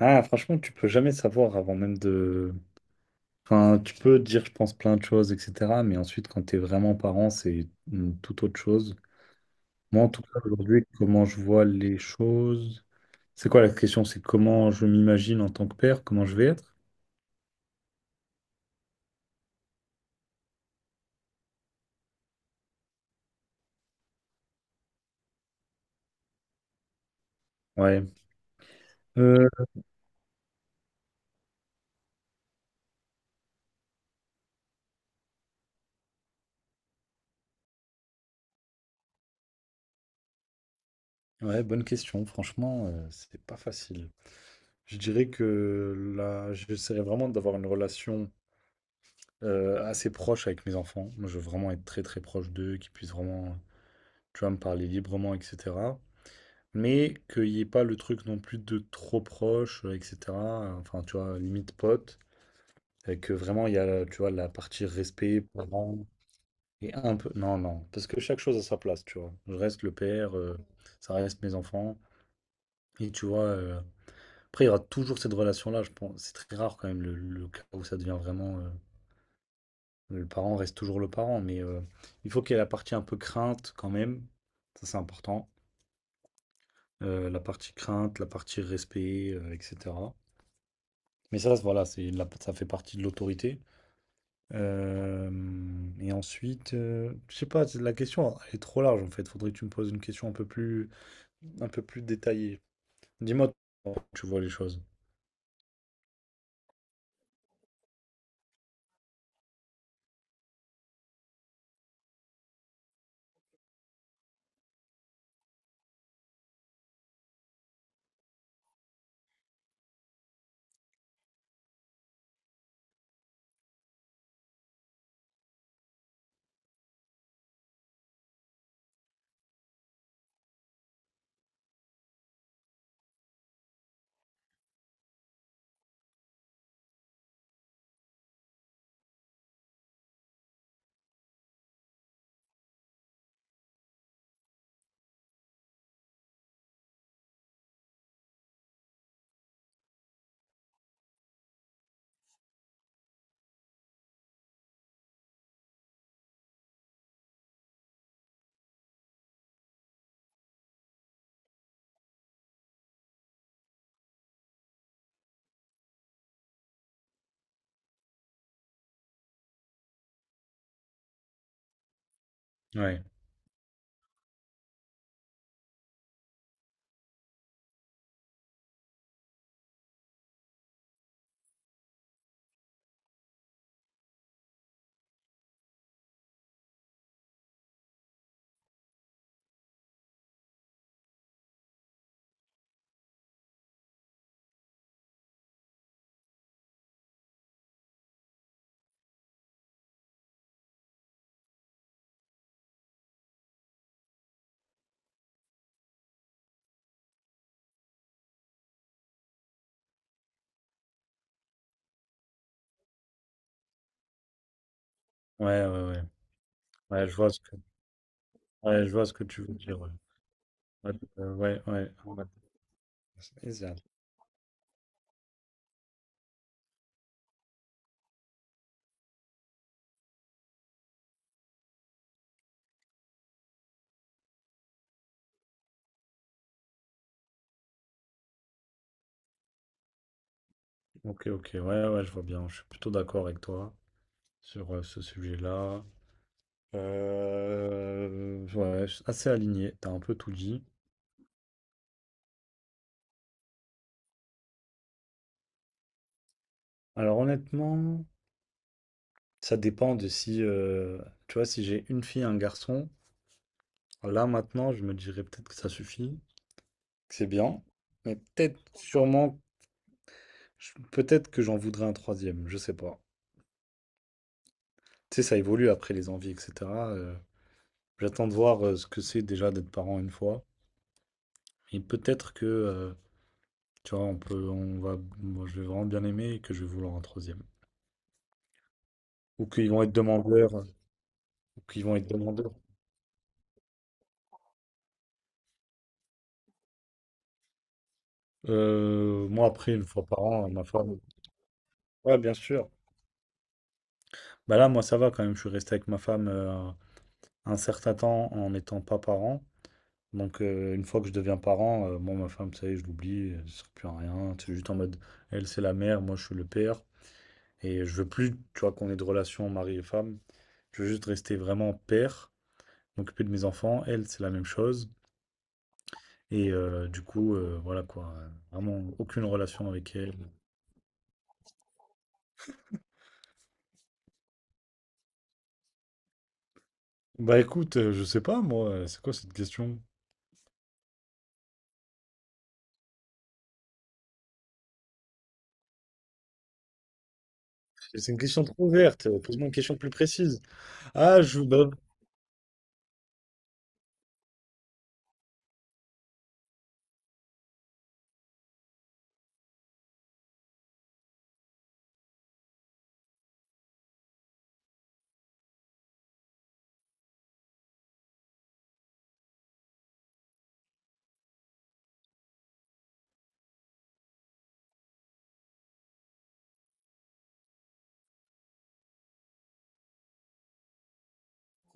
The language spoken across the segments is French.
Ah, franchement, tu peux jamais savoir avant même de. Enfin, tu peux dire, je pense, plein de choses, etc. Mais ensuite, quand tu es vraiment parent, c'est une toute autre chose. Moi, en tout cas, aujourd'hui, comment je vois les choses. C'est quoi la question? C'est comment je m'imagine en tant que père, comment je vais être? Ouais. Euh, Ouais, bonne question. Franchement, c'est pas facile. Je dirais que là, j'essaierai vraiment d'avoir une relation assez proche avec mes enfants. Moi, je veux vraiment être très, très proche d'eux, qu'ils puissent vraiment, tu vois, me parler librement, etc. Mais qu'il n'y ait pas le truc non plus de trop proche, etc. Enfin, tu vois, limite pote. Et que vraiment, il y a, tu vois, la partie respect, parents, et un peu... Non, non. Parce que chaque chose a sa place, tu vois. Je reste le père, ça reste mes enfants. Et tu vois, après, il y aura toujours cette relation-là, je pense. C'est très rare quand même, le cas où ça devient vraiment... le parent reste toujours le parent, mais il faut qu'il y ait la partie un peu crainte quand même. Ça, c'est important. La partie crainte, la partie respect, etc. Mais ça, voilà, ça fait partie de l'autorité. Euh, et ensuite, je sais pas, la question elle est trop large en fait. Faudrait que tu me poses une question un peu plus détaillée. Dis-moi, comment tu vois les choses. Ouais, ouais, ouais, ouais. Ouais, je vois ce que, ouais, je vois ce que tu veux dire. Ouais, ouais, euh, ouais. ouais. Ouais. Exact. Ok, ok, ouais, ouais, je vois bien. Je suis plutôt d'accord avec toi sur ce sujet-là. Ouais, ouais, je suis assez aligné, t'as un peu tout dit. Alors honnêtement, ça dépend de si, tu vois, si j'ai une fille, un garçon, là maintenant, je me dirais peut-être que ça suffit, que c'est bien, mais peut-être, sûrement, peut-être que j'en voudrais un troisième, je sais pas. Tu sais, ça évolue après les envies, etc. euh, J'attends de voir ce que c'est déjà d'être parent une fois, et peut-être que, tu vois, on va, moi, je vais vraiment bien aimer et que je vais vouloir un troisième. Ou qu'ils vont être demandeurs. Donc ils vont être demandeurs. Moi après, une fois par an, ma femme. Ouais, bien sûr. Bah là, moi ça va quand même, je suis resté avec ma femme un certain temps en n'étant pas parent. Donc une fois que je deviens parent, moi ma femme, ça y est, je l'oublie, ça sert plus à rien. C'est juste en mode, elle c'est la mère, moi je suis le père. Et je veux plus, tu vois, qu'on ait de relation mari et femme. Je veux juste rester vraiment père, m'occuper de mes enfants. Elle, c'est la même chose. Et du coup, voilà quoi. Vraiment aucune relation avec elle. Bah écoute, je sais pas moi, c'est quoi cette question? C'est une question trop ouverte, pose-moi une question plus précise. Ah, je, bah,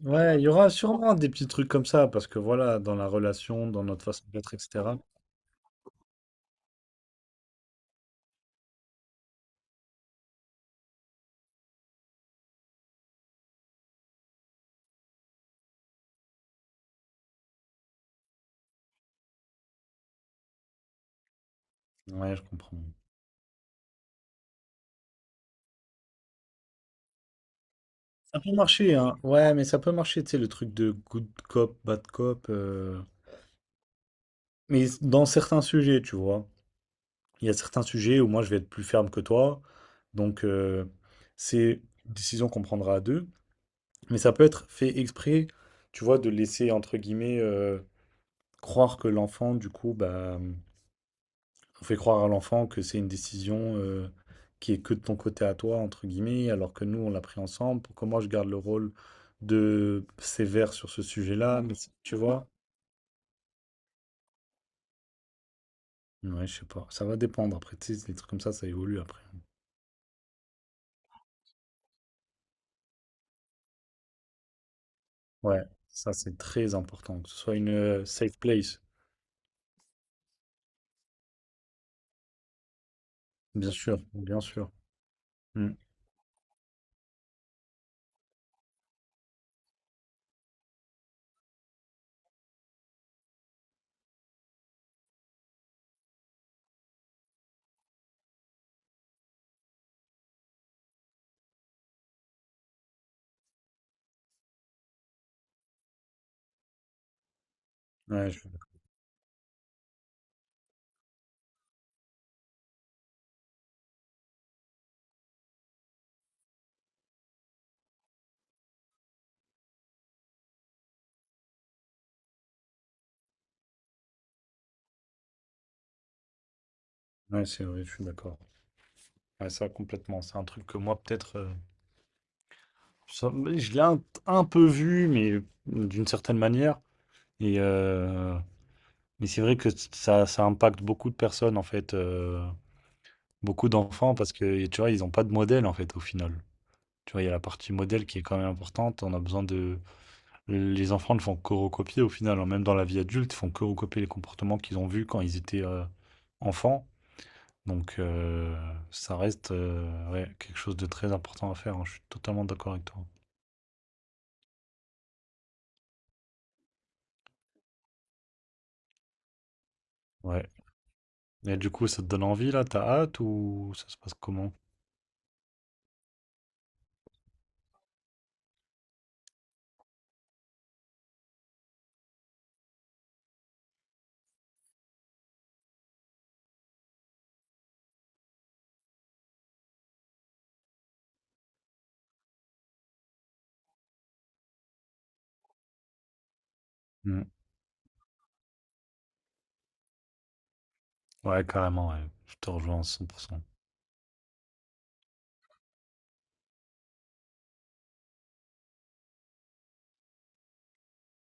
ouais, il y aura sûrement des petits trucs comme ça, parce que voilà, dans la relation, dans notre façon d'être, etc. Ouais, je comprends. Ça peut marcher, hein. Ouais, mais ça peut marcher, tu sais, le truc de good cop, bad cop. Mais dans certains sujets, tu vois. Il y a certains sujets où moi je vais être plus ferme que toi. Donc, c'est une décision qu'on prendra à deux. Mais ça peut être fait exprès, tu vois, de laisser, entre guillemets, croire que l'enfant, du coup, bah, on fait croire à l'enfant que c'est une décision qui est que de ton côté à toi, entre guillemets, alors que nous, on l'a pris ensemble. Pourquoi moi, je garde le rôle de sévère sur ce sujet-là, tu vois? Ouais, je sais pas. Ça va dépendre. Après, tu sais, les trucs comme ça évolue après. Ouais, ça, c'est très important. Que ce soit une safe place. Bien sûr, bien sûr. Mm. Ouais, ouais, c'est vrai, je suis d'accord. Ouais, ça complètement. C'est un truc que moi, peut-être, ça- je l'ai un peu vu, mais d'une certaine manière. Et, mais c'est vrai que ça impacte beaucoup de personnes, en fait, beaucoup d'enfants, parce que, tu vois, ils n'ont pas de modèle, en fait, au final. Tu vois, il y a la partie modèle qui est quand même importante. On a besoin de... Les enfants ne font que recopier, au final, hein, même dans la vie adulte, ils font que recopier les comportements qu'ils ont vus quand ils étaient enfants. Donc, ça reste ouais, quelque chose de très important à faire. Hein. Je suis totalement d'accord avec toi. Ouais. Et du coup, ça te donne envie là? T'as hâte ou ça se passe comment? Mm. Ouais, carrément, ouais. Je te rejoins à 100%.